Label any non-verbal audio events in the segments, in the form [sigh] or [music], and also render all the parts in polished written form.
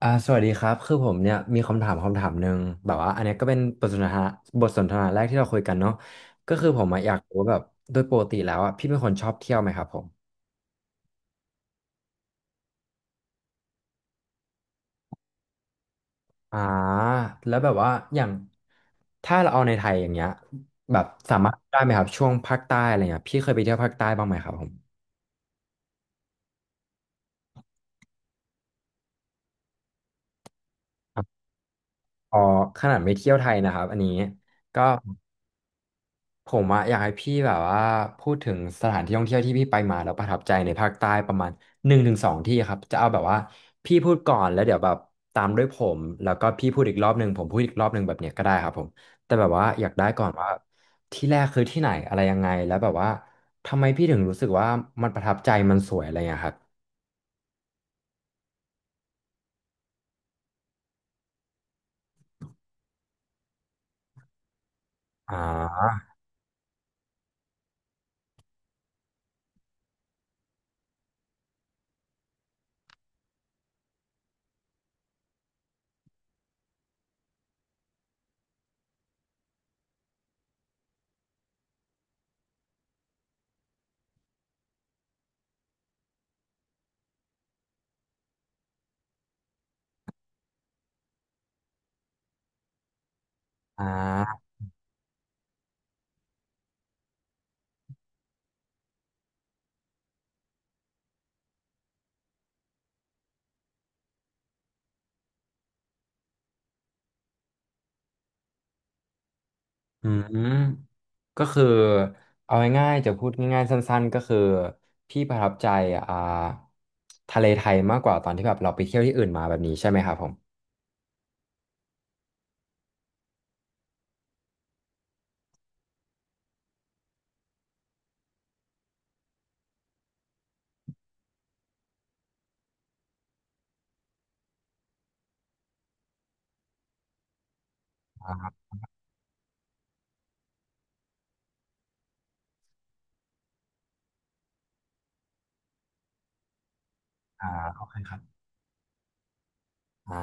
สวัสดีครับคือผมเนี่ยมีคำถามหนึ่งแบบว่าอันเนี้ยก็เป็นบทสนทนาแรกที่เราคุยกันเนาะก็คือผมอะอยากรู้ว่าแบบโดยปกติแล้วอ่ะพี่เป็นคนชอบเที่ยวไหมครับผมอ่าแล้วแบบว่าอย่างถ้าเราเอาในไทยอย่างเงี้ยแบบสามารถได้ไหมครับช่วงภาคใต้อะไรเงี้ยพี่เคยไปเที่ยวภาคใต้บ้างไหมครับผมอ๋อขนาดไม่เที่ยวไทยนะครับอันนี้ก็ ผมอะอยากให้พี่แบบว่าพูดถึงสถานที่ท่องเที่ยวที่พี่ไปมาแล้วประทับใจในภาคใต้ประมาณหนึ่งถึงสองที่ครับจะเอาแบบว่าพี่พูดก่อนแล้วเดี๋ยวแบบตามด้วยผมแล้วก็พี่พูดอีกรอบหนึ่งผมพูดอีกรอบหนึ่งแบบเนี้ยก็ได้ครับผมแต่แบบว่าอยากได้ก่อนว่าที่แรกคือที่ไหนอะไรยังไงแล้วแบบว่าทำไมพี่ถึงรู้สึกว่ามันประทับใจมันสวยอะไรอย่างเงี้ยครับอ่าอ่า อืมก็คือเอาง่ายๆจะพูดง่ายๆสั้นๆก็คือพี่ประทับใจอ่าทะเลไทยมากกว่าตอนที่แบบเราไปเที่ยวที่อื่นมาแบบนี้ใช่ไหมครับผมอ่าโอเคครับอ่า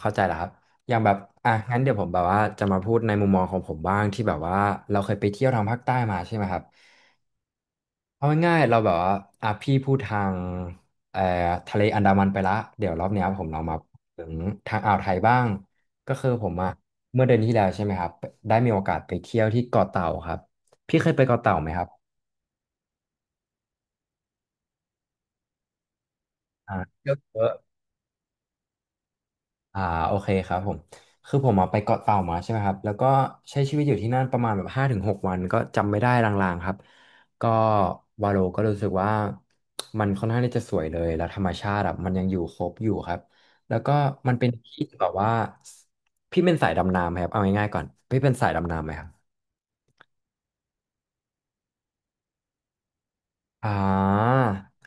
เข้าใจแล้วครับอย่างแบบอ่ะงั้นเดี๋ยวผมแบบว่าจะมาพูดในมุมมองของผมบ้างที่แบบว่าเราเคยไปเที่ยวทางภาคใต้มาใช่ไหมครับ เอาง่ายๆเราแบบว่าอ่ะพี่พูดทางเอ่อทะเลอันดามันไปละเดี๋ยวรอบเนี้ยผมลองมาถึงทางอ่าวไทยบ้างก็คือผมอะเมื่อเดือนที่แล้วใช่ไหมครับได้มีโอกาสไปเที่ยวที่เกาะเต่าครับพี่เคยไปเกาะเต่าไหมครับอ่าเที่ยวเยอะ อ่าโอเคครับผมคือผมอาไปเกาะเต่ามาใช่ไหมครับแล้วก็ใช้ชีวิตอยู่ที่นั่นประมาณแบบห้าถึงหกวันก็จำไม่ได้ลางๆครับก็วาโลก็รู้สึกว่ามันค่อนข้างที่จะสวยเลยแล้วธรรมชาติอะมันยังอยู่ครบอยู่ครับแล้วก็มันเป็นที่แบบว่าพี่เป็นสายดำน้ำไหมครับเอาง่ายๆก่อนพี่เป็นสายดำน้ำไหมครับ อ่า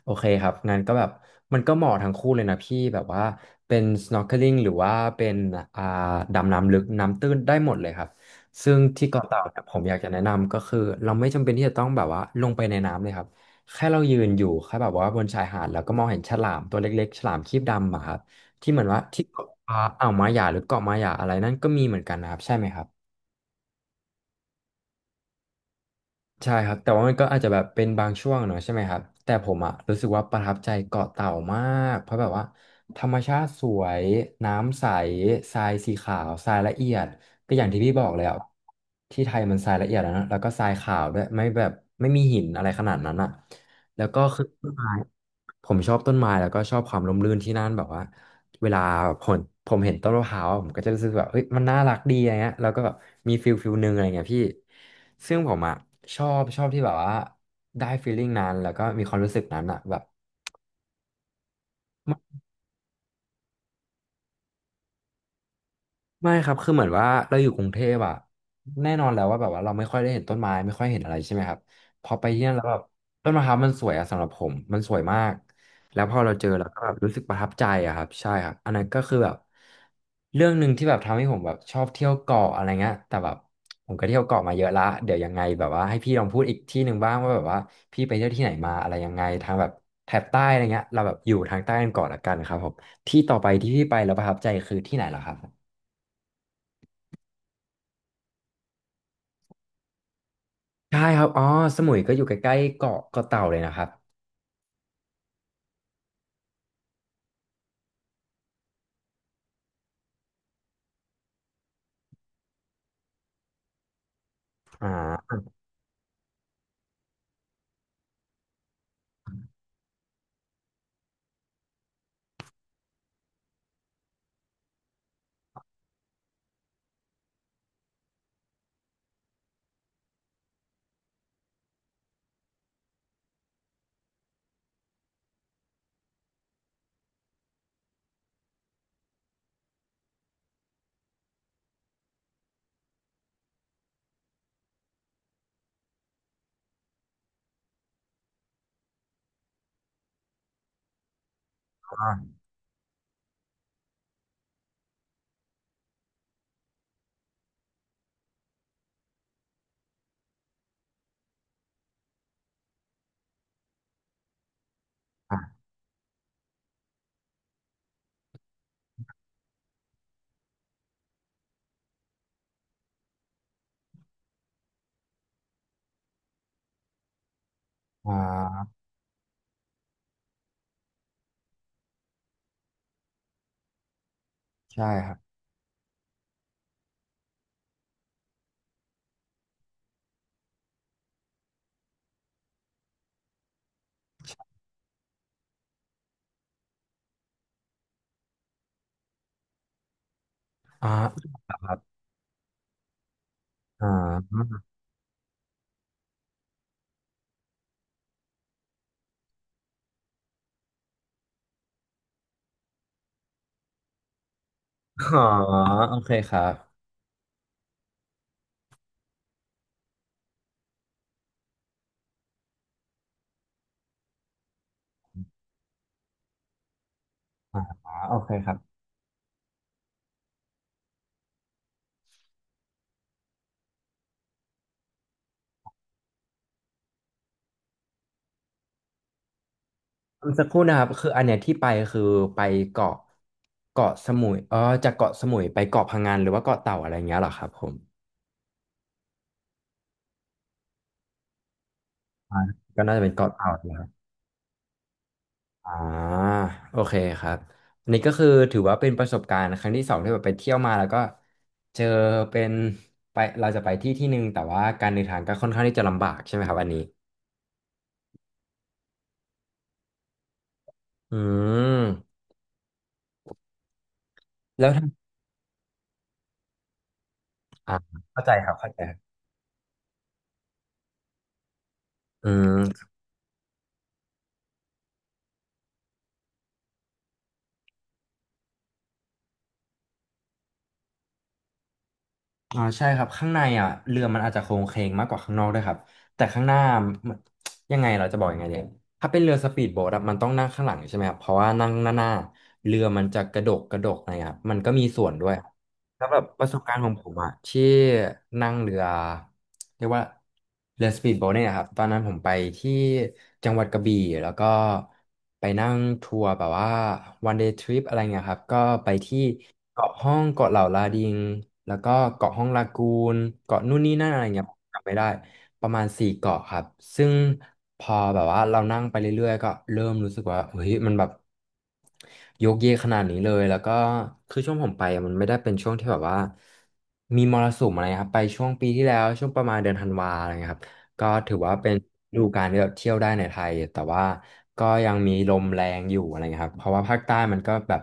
โอเคครับงั้นก็แบบมันก็เหมาะทั้งคู่เลยนะพี่แบบว่าเป็น snorkeling หรือว่าเป็นอ่าดำน้ำลึกน้ำตื้นได้หมดเลยครับซึ่งที่เกาะเต่าเนี่ยผมอยากจะแนะนำก็คือเราไม่จำเป็นที่จะต้องแบบว่าลงไปในน้ำเลยครับแค่เรายืนอยู่แค่แบบว่าบนชายหาดแล้วก็มองเห็นฉลามตัวเล็กๆฉลามครีบดำอะครับที่เหมือนว่าที่เกาะอ่าวมาหยาหรือเกาะมาหยาอะไรนั่นก็มีเหมือนกันนะครับใช่ไหมครับ ใช่ครับแต่ว่ามันก็อาจจะแบบเป็นบางช่วงเนอะใช่ไหมครับแต่ผมอะรู้สึกว่าประทับใจเกาะเต่ามากเพราะแบบว่าธรรมชาติสวยน้ำใสทรายสีขาวทรายละเอียดก็อย่างที่พี่บอกเลยอะที่ไทยมันทรายละเอียดแล้วนะแล้วก็ทรายขาวด้วยไม่แบบไม่มีหินอะไรขนาดนั้นอะแล้วก็คือต้นไม้ผมชอบต้นไม้แล้วก็ชอบความร่มรื่นที่นั่นแบบว่า เวลาผมผมเห็นต้นมะพร้าวอะผมก็จะรู้สึกแบบเฮ้ยมันน่ารักดีอะไรเงี้ยแล้วก็แบบมีฟิลหนึ่งอะไรเงี้ยพี่ซึ่งผมอะชอบที่แบบว่าได้ฟีลลิ่งนั้นแล้วก็มีความรู้สึกนั้นอะแบบ ไม่ครับคือเหมือนว่าเราอยู่กรุงเทพอะแน่นอนแล้วว่าแบบว่าเราไม่ค่อยได้เห็นต้นไม้ไม่ค่อยเห็นอะไรใช่ไหมครับพอไปที่นั่นแล้วแบบต้นมะพร้าวมันสวยอะสำหรับผมมันสวยมากแล้วพอเราเจอเราก็แบบรู้สึกประทับใจอะครับใช่ครับอันนั้นก็คือแบบเรื่องหนึ่งที่แบบทำให้ผมแบบชอบเที่ยวเกาะอะไรเงี้ยแต่แบบผมก็เที่ยวเกาะมาเยอะละเดี๋ยวยังไงแบบว่าให้พี่ลองพูดอีกที่หนึ่งบ้างว่าแบบว่าพี่ไปเที่ยวที่ไหนมาอะไรยังไงทางแบบแถบใต้อะไรเงี้ยเราแบบอยู่ทางใต้กันก่อนละกันครับผมที่ต่อไปที่พี่ไปแล้วประทับใจคือที่ไหนเหรอครับ ใช่ครับอ๋อสมุยก็อยู่ใกล้ๆเกาะเต่าเลยนะครับอ่าอ่าอ่าอ่าใช่ครับอ่าครับอ่าอ๋อโอเคครับอ่าโอเคครับสักครู่นะครับคืออันเนี้ยที่ไปคือไปเกาะเกาะสมุยเออจากเกาะสมุยไปเกาะพะงันหรือว่าเกาะเต่าอะไรเงี้ยเหรอครับผมอ่าก็น่าจะเป็นเกาะเต่า อ่าโอเคครับอันนี้ก็คือถือว่าเป็นประสบการณ์ครั้งที่สองที่แบบไปเที่ยวมาแล้วก็เจอเป็นไปเราจะไปที่ที่หนึ่งแต่ว่าการเดินทางก็ค่อนข้างที่จะลำบากใช่ไหมครับอันนี้อืมแล้วถ้าอ่าเข้าใจครับเข้าใจครับอืมใช่ครับข้างในอ่ะเรือมันอาจจะโครงเคลงมากกว่าข้างนอกด้วยครับแต่ข้างหน้ามันยังไงเราจะบอกยังไงเนี่ยถ้าเป็นเรือสปีดโบ๊ทอะมันต้องนั่งข้างหลังใช่ไหมครับเพราะว่านั่งหน้าเรือมันจะกระดกกระดกนะครับมันก็มีส่วนด้วย แล้วแบบประสบการณ์ของผมอะที่นั่งเรือเรียกว่าเรือสปีดโบ๊ทเนี่ยะครับตอนนั้นผมไปที่จังหวัดกระบี่แล้วก็ไปนั่งทัวร์แบบว่า one day trip อะไรเงี้ยครับก็ไปที่เกาะห้องเกาะเหล่าลาดิงแล้วก็เกาะห้องลากูนเกาะนู่นนี่นั่นอะไรเงี้ยผมจำไม่ได้ประมาณสี่เกาะครับซึ่งพอแบบว่าเรานั่งไปเรื่อยๆก็เริ่มรู้สึกว่าเฮ้ยมันแบบ โยกเยกขนาดนี้เลยแล้วก็คือช่วงผมไปอะมันไม่ได้เป็นช่วงที่แบบว่ามีมรสุมอะไรครับไปช่วงปีที่แล้วช่วงประมาณเดือนธันวาอะไรเงี้ยครับก็ถือว่าเป็นฤดูกาลที่แบบเที่ยวได้ในไทยแต่ว่าก็ยังมีลมแรงอยู่อะไรเงี้ยครับเพราะว่าภาคใต้มันก็แบบ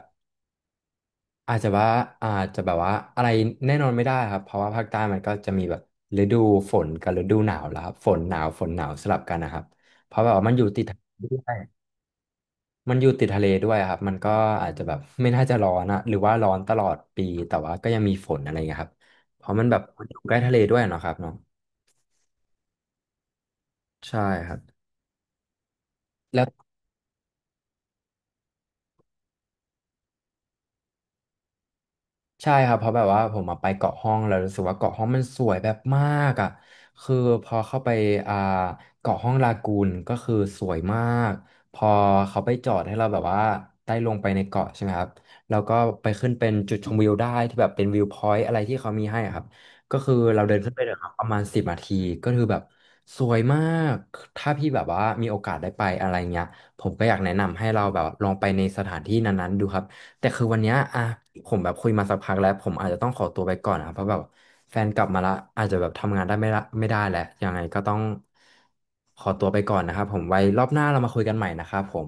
อาจจะว่าอาจจะแบบว่าอะไรแน่นอนไม่ได้ครับเพราะว่าภาคใต้มันก็จะมีแบบฤดูฝนกับฤดูหนาวแล้วครับฝนหนาวฝนหนาวสลับกันนะครับเพราะแบบว่ามันอยู่ติดทะเลด้วย มันอยู่ติดทะเลด้วยครับ มันก็อาจจะแบบ [laughs] ไม่น่าจะร้อนอะหรือว่าร้อนตลอดปี แต่ว่าก็ยังมีฝนอะไรเงี้ยครับ เพราะมันแบบอยู่ใกล้ทะเลด้วยเนาะครับเนาะใช่ครับแล้ว ใช่ครับเพราะแบบว่าผมมาไปเกาะห้องแล้วรู้สึกว่าเกาะห้องมันสวยแบบมากอ่ะคือพอเข้าไปอ่าเกาะห้องลากูนก็คือสวยมากพอเขาไปจอดให้เราแบบว่าได้ลงไปในเกาะใช่ไหมครับแล้วก็ไปขึ้นเป็นจุดชมวิวได้ที่แบบเป็นวิวพอยต์อะไรที่เขามีให้อะครับก็คือเราเดินขึ้นไปเลยครับประมาณ10 นาทีก็คือแบบสวยมากถ้าพี่แบบว่ามีโอกาสได้ไปอะไรเงี้ยผมก็อยากแนะนำให้เราแบบลองไปในสถานที่นั้นๆดูครับ แต่คือวันเนี้ยอ่ะผมแบบคุยมาสักพักแล้วผมอาจจะต้องขอตัวไปก่อนนะเพราะแบบแฟนกลับมาละอาจจะแบบทำงานได้ไม่ละไม่ได้แหละยังไงก็ต้องขอตัวไปก่อนนะครับผมไว้รอบหน้าเรามาคุยกันใหม่นะครับผม